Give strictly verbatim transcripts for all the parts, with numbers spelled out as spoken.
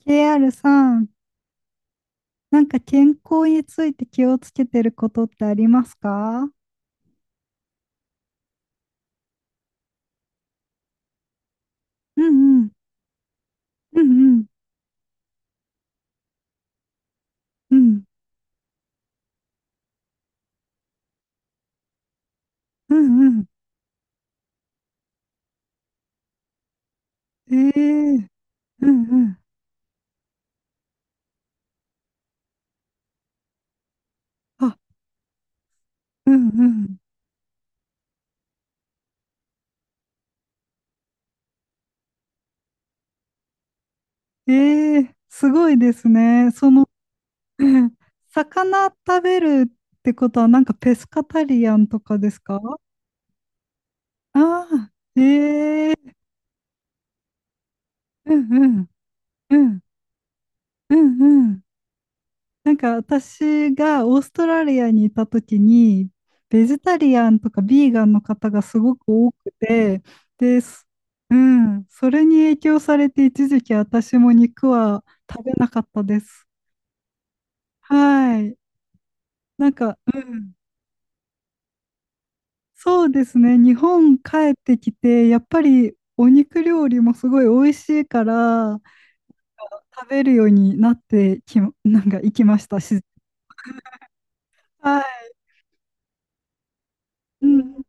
ケーアール さん、なんか健康について気をつけてることってありますか？うんうん、うんうん、うん、うんうん。ええうんうん。あ、うんうん。ええ、すごいですね。その、魚食べるってことは、なんかペスカタリアンとかですか？ああー、ええうんうん、うん、うんうん。なんか私がオーストラリアにいた時にベジタリアンとかビーガンの方がすごく多くてです、うん、それに影響されて一時期私も肉は食べなかったです。はい。なんか、うん、そうですね。日本帰ってきて、やっぱりお肉料理もすごい美味しいから、食べるようになってき、なんか行きましたし。はい。うん、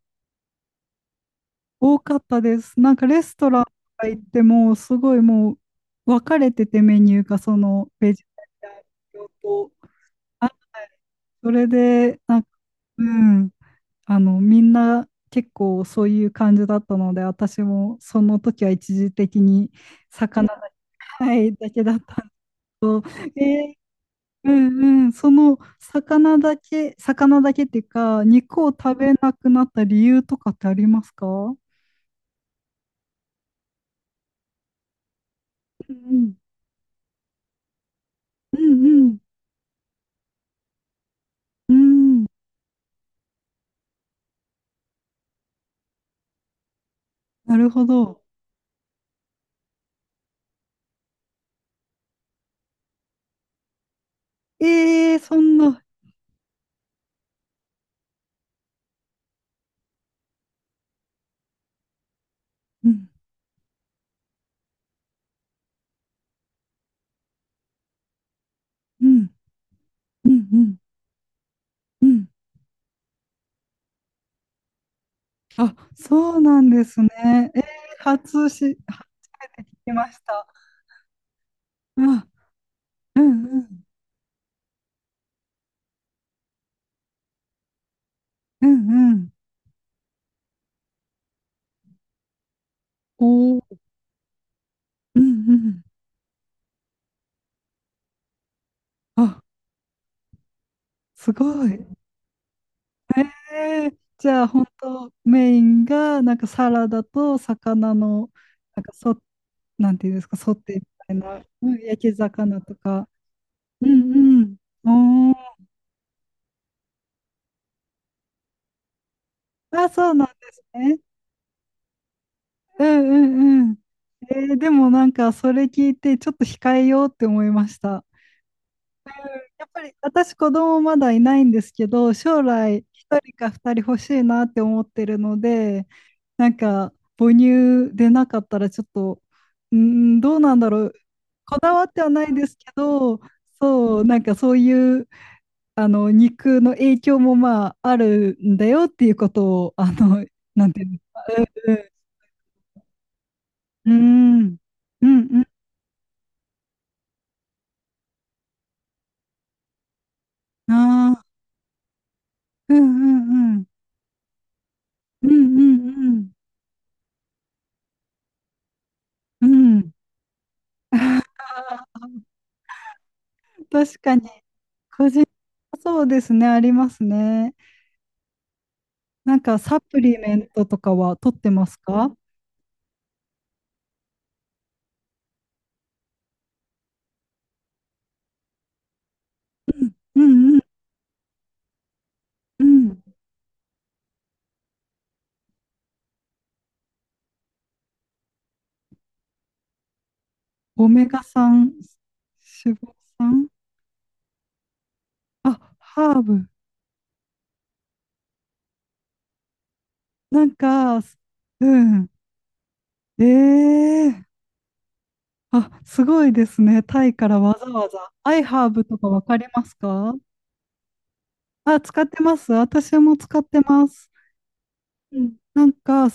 多かったです。なんかレストランとか行っても、すごいもう分かれててメニューがそのベジタリアン用と、あそれで、なんか、うん、あの、みんな結構そういう感じだったので、私もその時は一時的に魚だ、はい、だけだったんで、えーうんうん、その魚だけ、魚だけっていうか、肉を食べなくなった理由とかってありますか？うんうんうんうん。うん、なるほど。ええ、そんな、うん、うん、うん、うん、うん。あ、そうなんですね。えー、初し、初めて聞きました。あ、うん、うん、うん、うん。おー、うん、うん。あ、すごい。えー、じゃあ、本当メインが、なんかサラダと魚の、なんかそ、なんていうんですか、ソテーみたいな、うん、焼き魚とか。うん、うん。おー、あ、そうなんですね。うんうんうん。えー、でもなんかそれ聞いてちょっと控えようって思いました。やっぱり私子供まだいないんですけど、将来一人か二人欲しいなって思ってるので、なんか母乳でなかったらちょっと、うーん、どうなんだろう。こだわってはないですけど、そう、なんかそういう、あの、肉の影響もまああるんだよっていうことを、あの、なんていううんですか？うん、うん、うんうん、ああ。うんうんうん。うんうんうん。うん。あー、確かに。そうですね、ありますね。なんかサプリメントとかは取ってますか？うんうんうん。オメガスリー脂肪酸。あ、ハーブ。なんか、うん。ええあ、すごいですね。タイからわざわざ。アイハーブとかわかりますか？あ、使ってます。私も使ってます。うん。なんか、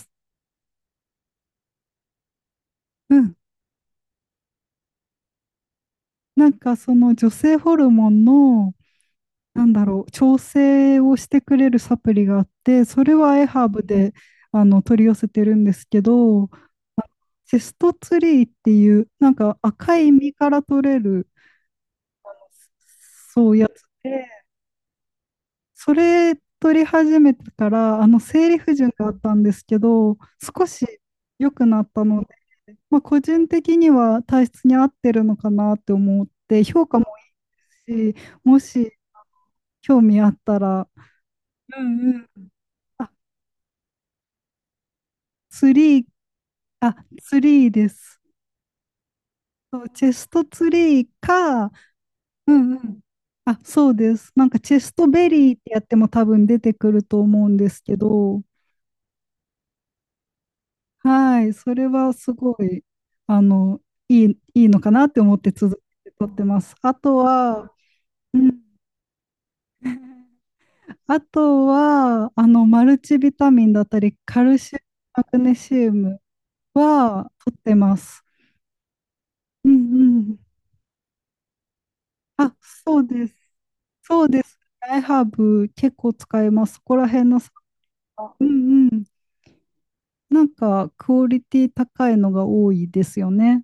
うん。なんかその女性ホルモンの、なんだろう、調整をしてくれるサプリがあって、それはエハーブであの取り寄せてるんですけど、セストツリーっていう、なんか赤い実から取れる、そうやつで、それ取り始めてから、あの生理不順があったんですけど、少し良くなったので、まあ、個人的には体質に合ってるのかなって思って、評価もいいし、もし興味あったら。うんうん。あ、ツリー、あ、ツリーです。そう、チェストツリーか。うんうん。あ、そうです。なんかチェストベリーってやっても多分出てくると思うんですけど、はい、それはすごい、あの、いい、いいのかなって思って続けて撮ってます。あとは、うん、あとは、あの、マルチビタミンだったり、カルシウム、マグネシウムは取ってます。うんうん。あ、そうです。そうです。アイハーブ結構使えます。そこら辺のさ、うんうん。なんかクオリティ高いのが多いですよね。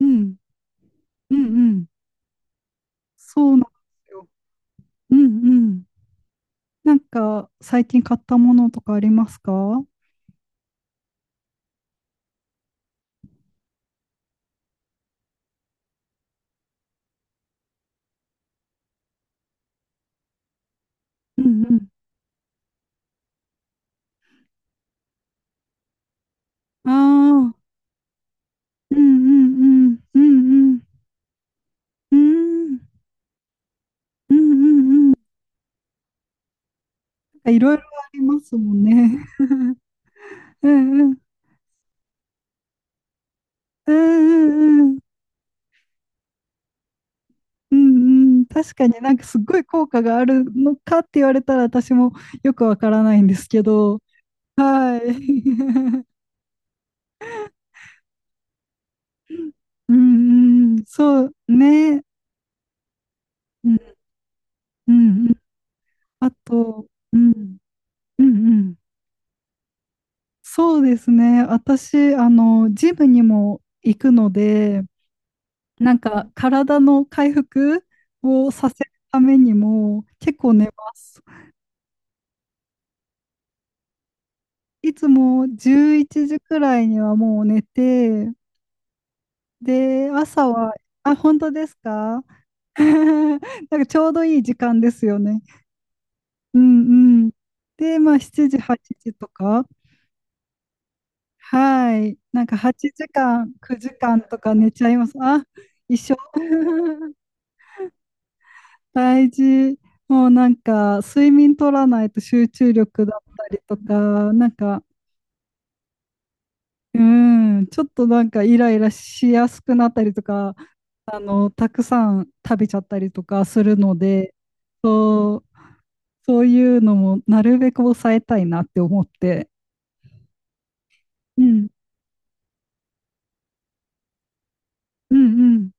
うん。うんうん。そうなんですよ。うんうん。なんか最近買ったものとかありますか？うんうん。ああ。うんうんうん。うんうん。うんうんうんうん。なんかいろいろありますもんね。うんうん。うんうんうん。うんうん、確かになんかすっごい効果があるのかって言われたら私もよくわからないんですけど、はい。うんうん、そうね。うんうんうん。あと、うん、うんうん。そうですね。私、あの、ジムにも行くので、なんか体の回復をさせるためにも結構寝ます。いつもじゅういちじくらいにはもう寝て、で、朝は、あ、本当ですか？ なんかちょうどいい時間ですよね。うんうん。で、まあしちじ、はちじとか。はい。なんかはちじかん、くじかんとか寝ちゃいます。あ、一緒。大事。もうなんか睡眠取らないと集中力だったりとか、なんか、うん、ちょっとなんかイライラしやすくなったりとか、あの、たくさん食べちゃったりとかするので、そう、そういうのもなるべく抑えたいなって思って。うん、うん、うん、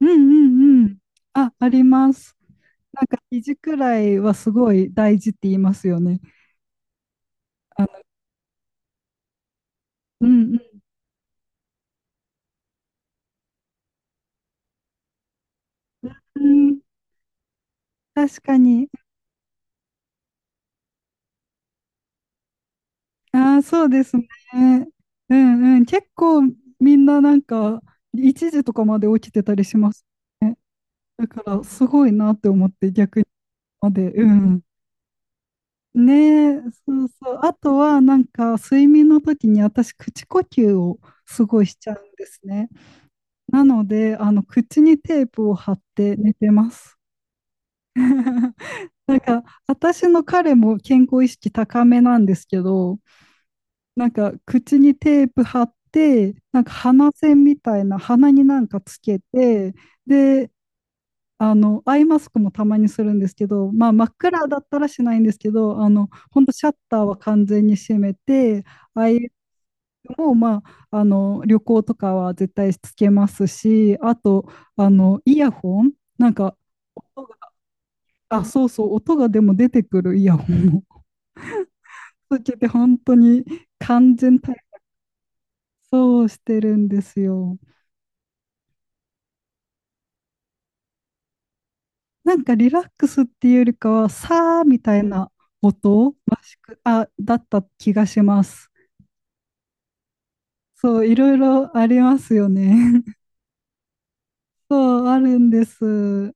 うん、うんうん。あ、あります。なんか肘くらいはすごい大事って言いますよね。あの、うん、うん、うん、確かに。ああ、そうですね。うん、うん、結構みんななんか一時とかまで起きてたりします。だからすごいなって思って逆にまで、うん。ねえ、そうそう。あとはなんか睡眠の時に私口呼吸をすごいしちゃうんですね。なので、あの口にテープを貼って寝てます。なんか私の彼も健康意識高めなんですけど、なんか口にテープ貼って、なんか鼻栓みたいな鼻になんかつけて、で、あの、アイマスクもたまにするんですけど、まあ、真っ暗だったらしないんですけど、あの、本当シャッターは完全に閉めて、アイも、まあ、あの、旅行とかは絶対つけますし、あと、あの、イヤホン、なんか、音が、あ、そうそう、音がでも出てくるイヤホンを つけて、本当に完全体操をしてるんですよ。なんかリラックスっていうよりかは、さーみたいな音らしく、あ、だった気がします。そう、いろいろありますよね。そう、あるんです。